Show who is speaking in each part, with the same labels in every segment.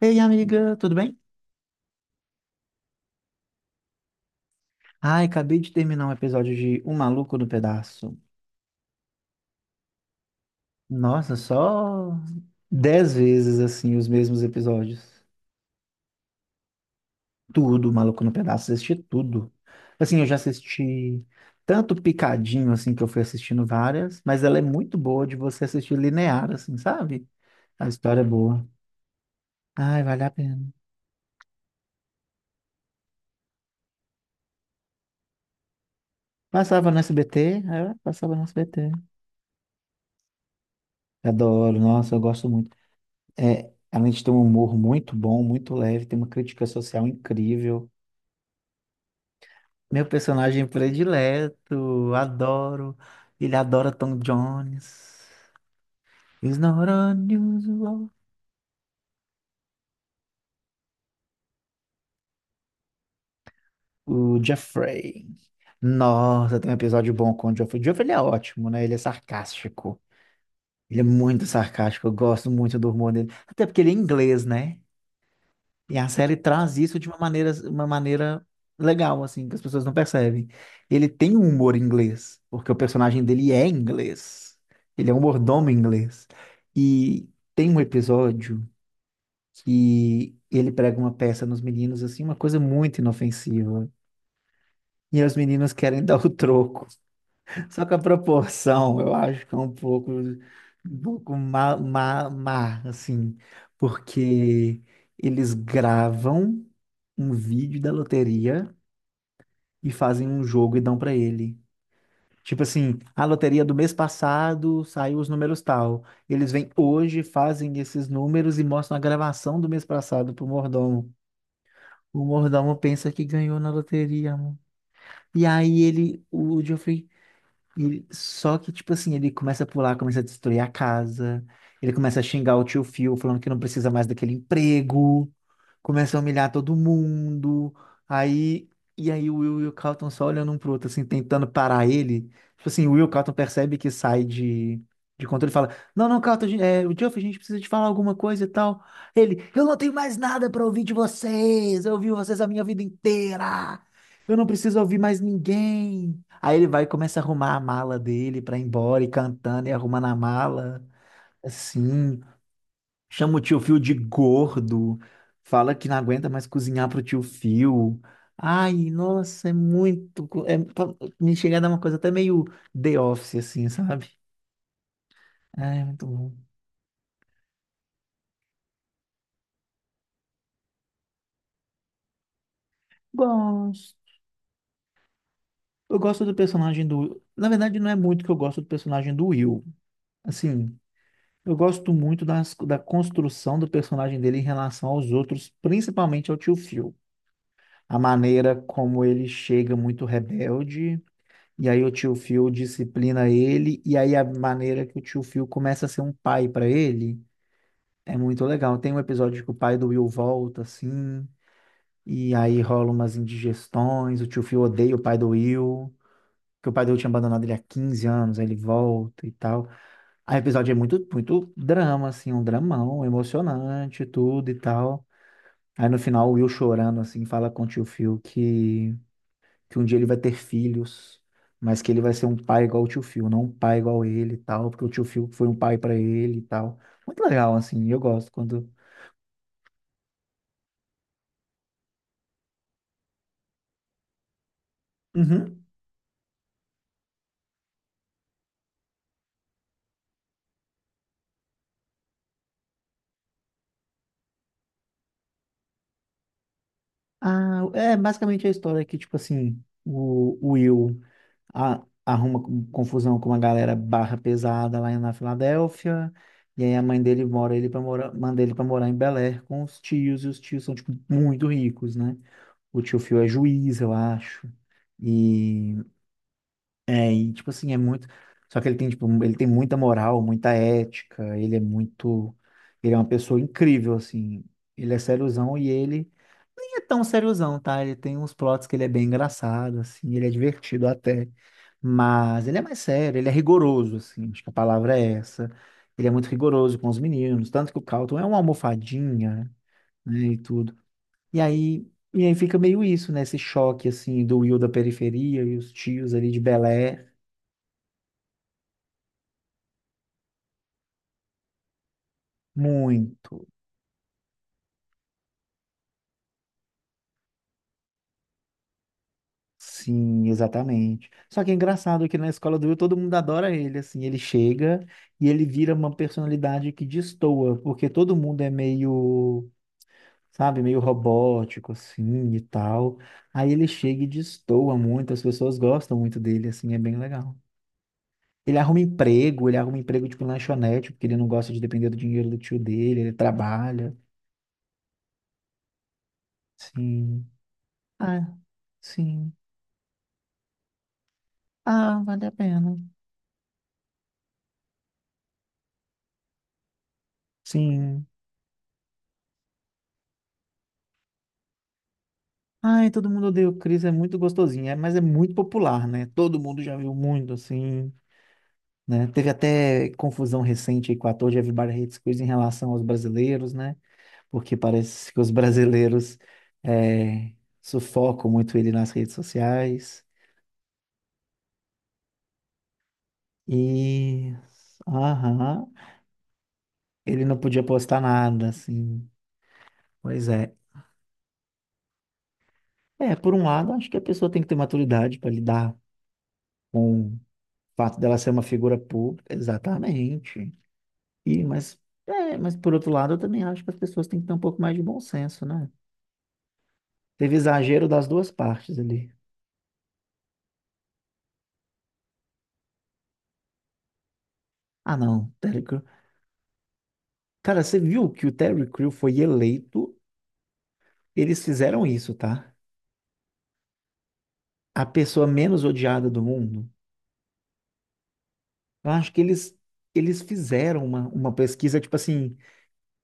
Speaker 1: Ei, amiga, tudo bem? Ai, acabei de terminar um episódio de O Maluco no Pedaço. Nossa, só 10 vezes assim os mesmos episódios. Tudo, Maluco no Pedaço, assisti tudo. Assim, eu já assisti tanto picadinho assim que eu fui assistindo várias, mas ela é muito boa de você assistir linear assim, sabe? A história é boa. Ai, vale a pena. Passava no SBT, é, passava no SBT. Adoro, nossa, eu gosto muito. É, além de ter um humor muito bom, muito leve, tem uma crítica social incrível. Meu personagem predileto, adoro. Ele adora Tom Jones. He's not unusual. O Jeffrey. Nossa, tem um episódio bom com o Jeffrey. O Jeffrey ele é ótimo, né? Ele é sarcástico. Ele é muito sarcástico. Eu gosto muito do humor dele. Até porque ele é inglês, né? E a série traz isso de uma maneira legal, assim, que as pessoas não percebem. Ele tem um humor inglês, porque o personagem dele é inglês. Ele é um mordomo inglês. E tem um episódio que ele prega uma peça nos meninos, assim, uma coisa muito inofensiva. E os meninos querem dar o troco. Só que a proporção, eu acho que é um pouco má, má, má, assim, porque eles gravam um vídeo da loteria e fazem um jogo e dão pra ele. Tipo assim, a loteria do mês passado saiu os números tal. Eles vêm hoje, fazem esses números e mostram a gravação do mês passado pro mordomo. O mordomo pensa que ganhou na loteria, amor. E aí ele, o Geoffrey. E, só que, tipo assim, ele começa a pular, começa a destruir a casa, ele começa a xingar o tio Phil, falando que não precisa mais daquele emprego, começa a humilhar todo mundo. Aí, e aí o Will e o Carlton só olhando um pro outro, assim, tentando parar ele. Tipo assim, o Will, o Carlton percebe que sai de controle e fala: Não, não, Carlton, é, o Geoff, a gente precisa te falar alguma coisa e tal. Ele: Eu não tenho mais nada pra ouvir de vocês. Eu ouvi vocês a minha vida inteira. Eu não preciso ouvir mais ninguém. Aí ele vai e começa a arrumar a mala dele pra ir embora e cantando e arrumando a mala. Assim. Chama o tio Phil de gordo, fala que não aguenta mais cozinhar pro tio Phil. Ai, nossa, é muito. Me chega a dar uma coisa até meio The Office, assim, sabe? É, muito bom. Gosto. Eu gosto do personagem do. Na verdade, não é muito que eu gosto do personagem do Will. Assim, eu gosto muito da construção do personagem dele em relação aos outros, principalmente ao tio Phil. A maneira como ele chega muito rebelde. E aí o tio Phil disciplina ele, e aí a maneira que o tio Phil começa a ser um pai para ele é muito legal. Tem um episódio que o pai do Will volta, assim, e aí rola umas indigestões, o tio Phil odeia o pai do Will, porque o pai do Will tinha abandonado ele há 15 anos, aí ele volta e tal. Aí o episódio é muito, muito drama, assim, um dramão emocionante, tudo e tal. Aí no final o Will chorando, assim, fala com o tio Phil que um dia ele vai ter filhos, mas que ele vai ser um pai igual o tio Phil, não um pai igual ele e tal, porque o tio Phil foi um pai pra ele e tal. Muito legal, assim, eu gosto quando. Uhum. Ah, é basicamente é a história que, tipo assim, o Will arruma confusão com uma galera barra pesada lá na Filadélfia. E aí a mãe dele mora ele para morar, manda ele para morar em Bel Air com os tios, e os tios são, tipo, muito ricos, né? O tio Phil é juiz, eu acho. e É, e tipo assim, é muito. Só que ele tem, tipo, ele tem muita moral, muita ética, ele é muito. Ele é uma pessoa incrível, assim. Ele é sériozão e ele nem é tão sériozão, tá? Ele tem uns plots que ele é bem engraçado, assim, ele é divertido até. Mas ele é mais sério, ele é rigoroso, assim, acho que a palavra é essa. Ele é muito rigoroso com os meninos, tanto que o Carlton é uma almofadinha, né, e tudo. E aí, e aí fica meio isso, né? Esse choque, assim, do Will da periferia e os tios ali de Belé. Muito. Sim, exatamente. Só que é engraçado que na escola do Will todo mundo adora ele, assim, ele chega e ele vira uma personalidade que destoa, porque todo mundo é meio, sabe, meio robótico, assim, e tal. Aí ele chega e destoa muito, as pessoas gostam muito dele, assim, é bem legal. Ele arruma emprego, tipo, em lanchonete, porque ele não gosta de depender do dinheiro do tio dele, ele trabalha, sim. Ah, sim. Ah, vale a pena. Sim. Ai, todo mundo odeia o Chris, é muito gostosinho, é, mas é muito popular, né? Todo mundo já viu muito, assim, né? Teve até confusão recente aí com o ator de Everybody Hates Chris em relação aos brasileiros, né? Porque parece que os brasileiros é, sufocam muito ele nas redes sociais. E... Aham. Ele não podia postar nada, assim. Pois é. É, por um lado, acho que a pessoa tem que ter maturidade para lidar com o fato dela ser uma figura pública. Exatamente. E, mas, mas por outro lado, eu também acho que as pessoas têm que ter um pouco mais de bom senso, né? Teve exagero das duas partes ali. Ah, não, Terry Crew. Cara, você viu que o Terry Crew foi eleito? Eles fizeram isso, tá? A pessoa menos odiada do mundo. Eu acho que eles fizeram uma pesquisa, tipo assim,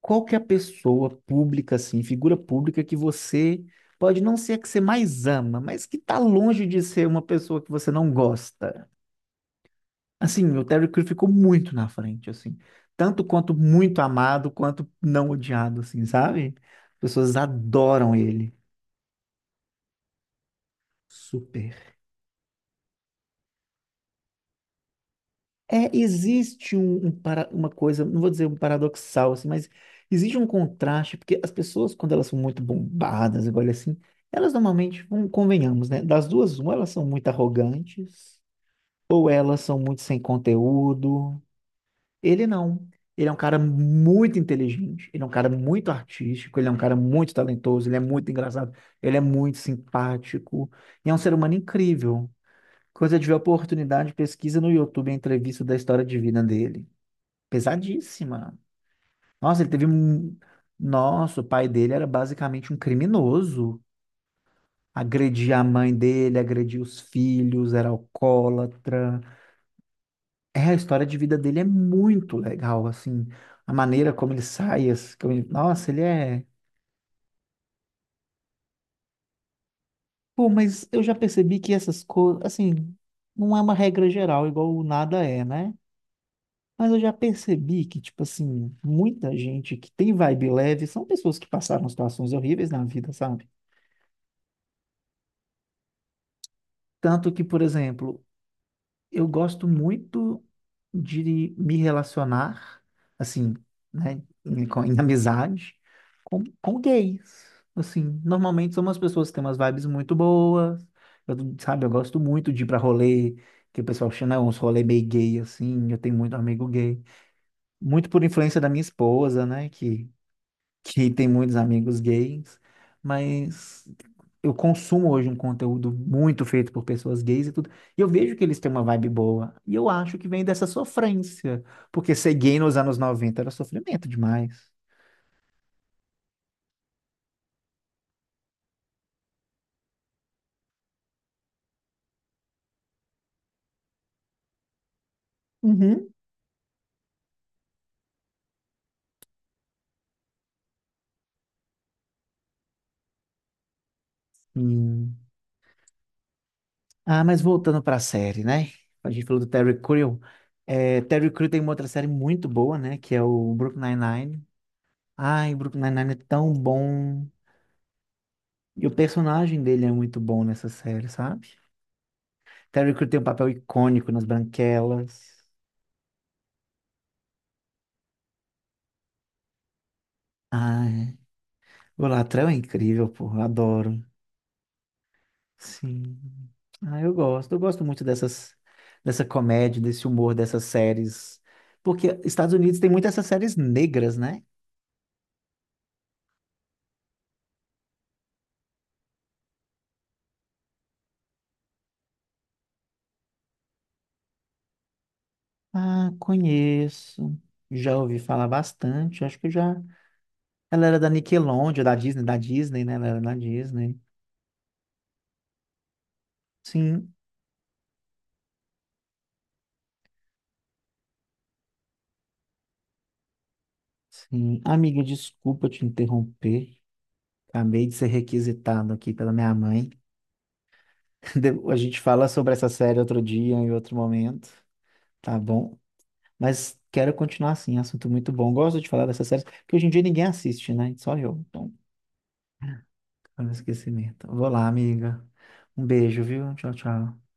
Speaker 1: qual que é a pessoa pública, assim, figura pública que você pode não ser a que você mais ama, mas que tá longe de ser uma pessoa que você não gosta. Assim, o Terry Crews ficou muito na frente, assim. Tanto quanto muito amado, quanto não odiado, assim, sabe? As pessoas adoram ele. Super. É, existe um, um para, uma coisa, não vou dizer um paradoxal, assim, mas existe um contraste, porque as pessoas, quando elas são muito bombadas, agora assim, elas normalmente, convenhamos, né? Das duas, uma, elas são muito arrogantes, ou elas são muito sem conteúdo. Ele não. Ele é um cara muito inteligente, ele é um cara muito artístico, ele é um cara muito talentoso, ele é muito engraçado, ele é muito simpático, e é um ser humano incrível. Quando você tiver oportunidade, pesquisa no YouTube a entrevista da história de vida dele. Pesadíssima. Nossa, ele teve um... Nossa, o pai dele era basicamente um criminoso. Agredia a mãe dele, agredia os filhos, era alcoólatra. É, a história de vida dele é muito legal, assim, a maneira como ele sai, nossa, ele é... Pô, mas eu já percebi que essas coisas, assim, não é uma regra geral, igual o nada é, né? Mas eu já percebi que, tipo assim, muita gente que tem vibe leve são pessoas que passaram situações horríveis na vida, sabe? Tanto que, por exemplo, eu gosto muito de me relacionar, assim, né, em, em amizade, com gays. Assim, normalmente são umas pessoas que têm umas vibes muito boas. Eu, sabe, eu gosto muito de ir pra rolê, que o pessoal chama, né, uns rolê meio gay, assim. Eu tenho muito amigo gay. Muito por influência da minha esposa, né, que tem muitos amigos gays, mas eu consumo hoje um conteúdo muito feito por pessoas gays e tudo, e eu vejo que eles têm uma vibe boa, e eu acho que vem dessa sofrência, porque ser gay nos anos 90 era sofrimento demais. Uhum. Hum. Ah, mas voltando para a série, né? A gente falou do Terry Crew. É, Terry Crew tem uma outra série muito boa, né? Que é o Brooklyn Nine-Nine. Ai, Brooklyn Nine-Nine é tão bom. E o personagem dele é muito bom nessa série, sabe? Terry Crews tem um papel icônico nas Branquelas. Ai, o Latrell é incrível, pô, eu adoro. Sim. Ah, eu gosto. Eu gosto muito dessas, dessa comédia, desse humor, dessas séries. Porque Estados Unidos tem muitas essas séries negras, né? Ah, conheço. Já ouvi falar bastante. Acho que já. Ela era da Nickelodeon, da Disney, né? Ela era da Disney. Sim, sim. Amiga, desculpa te interromper. Acabei de ser requisitado aqui pela minha mãe. A gente fala sobre essa série outro dia, em outro momento, tá bom? Mas quero continuar assim, assunto muito bom. Gosto de falar dessa série, porque hoje em dia ninguém assiste, né? Só eu. Então, para não esquecimento. Vou lá, amiga. Um beijo, viu? Tchau, tchau.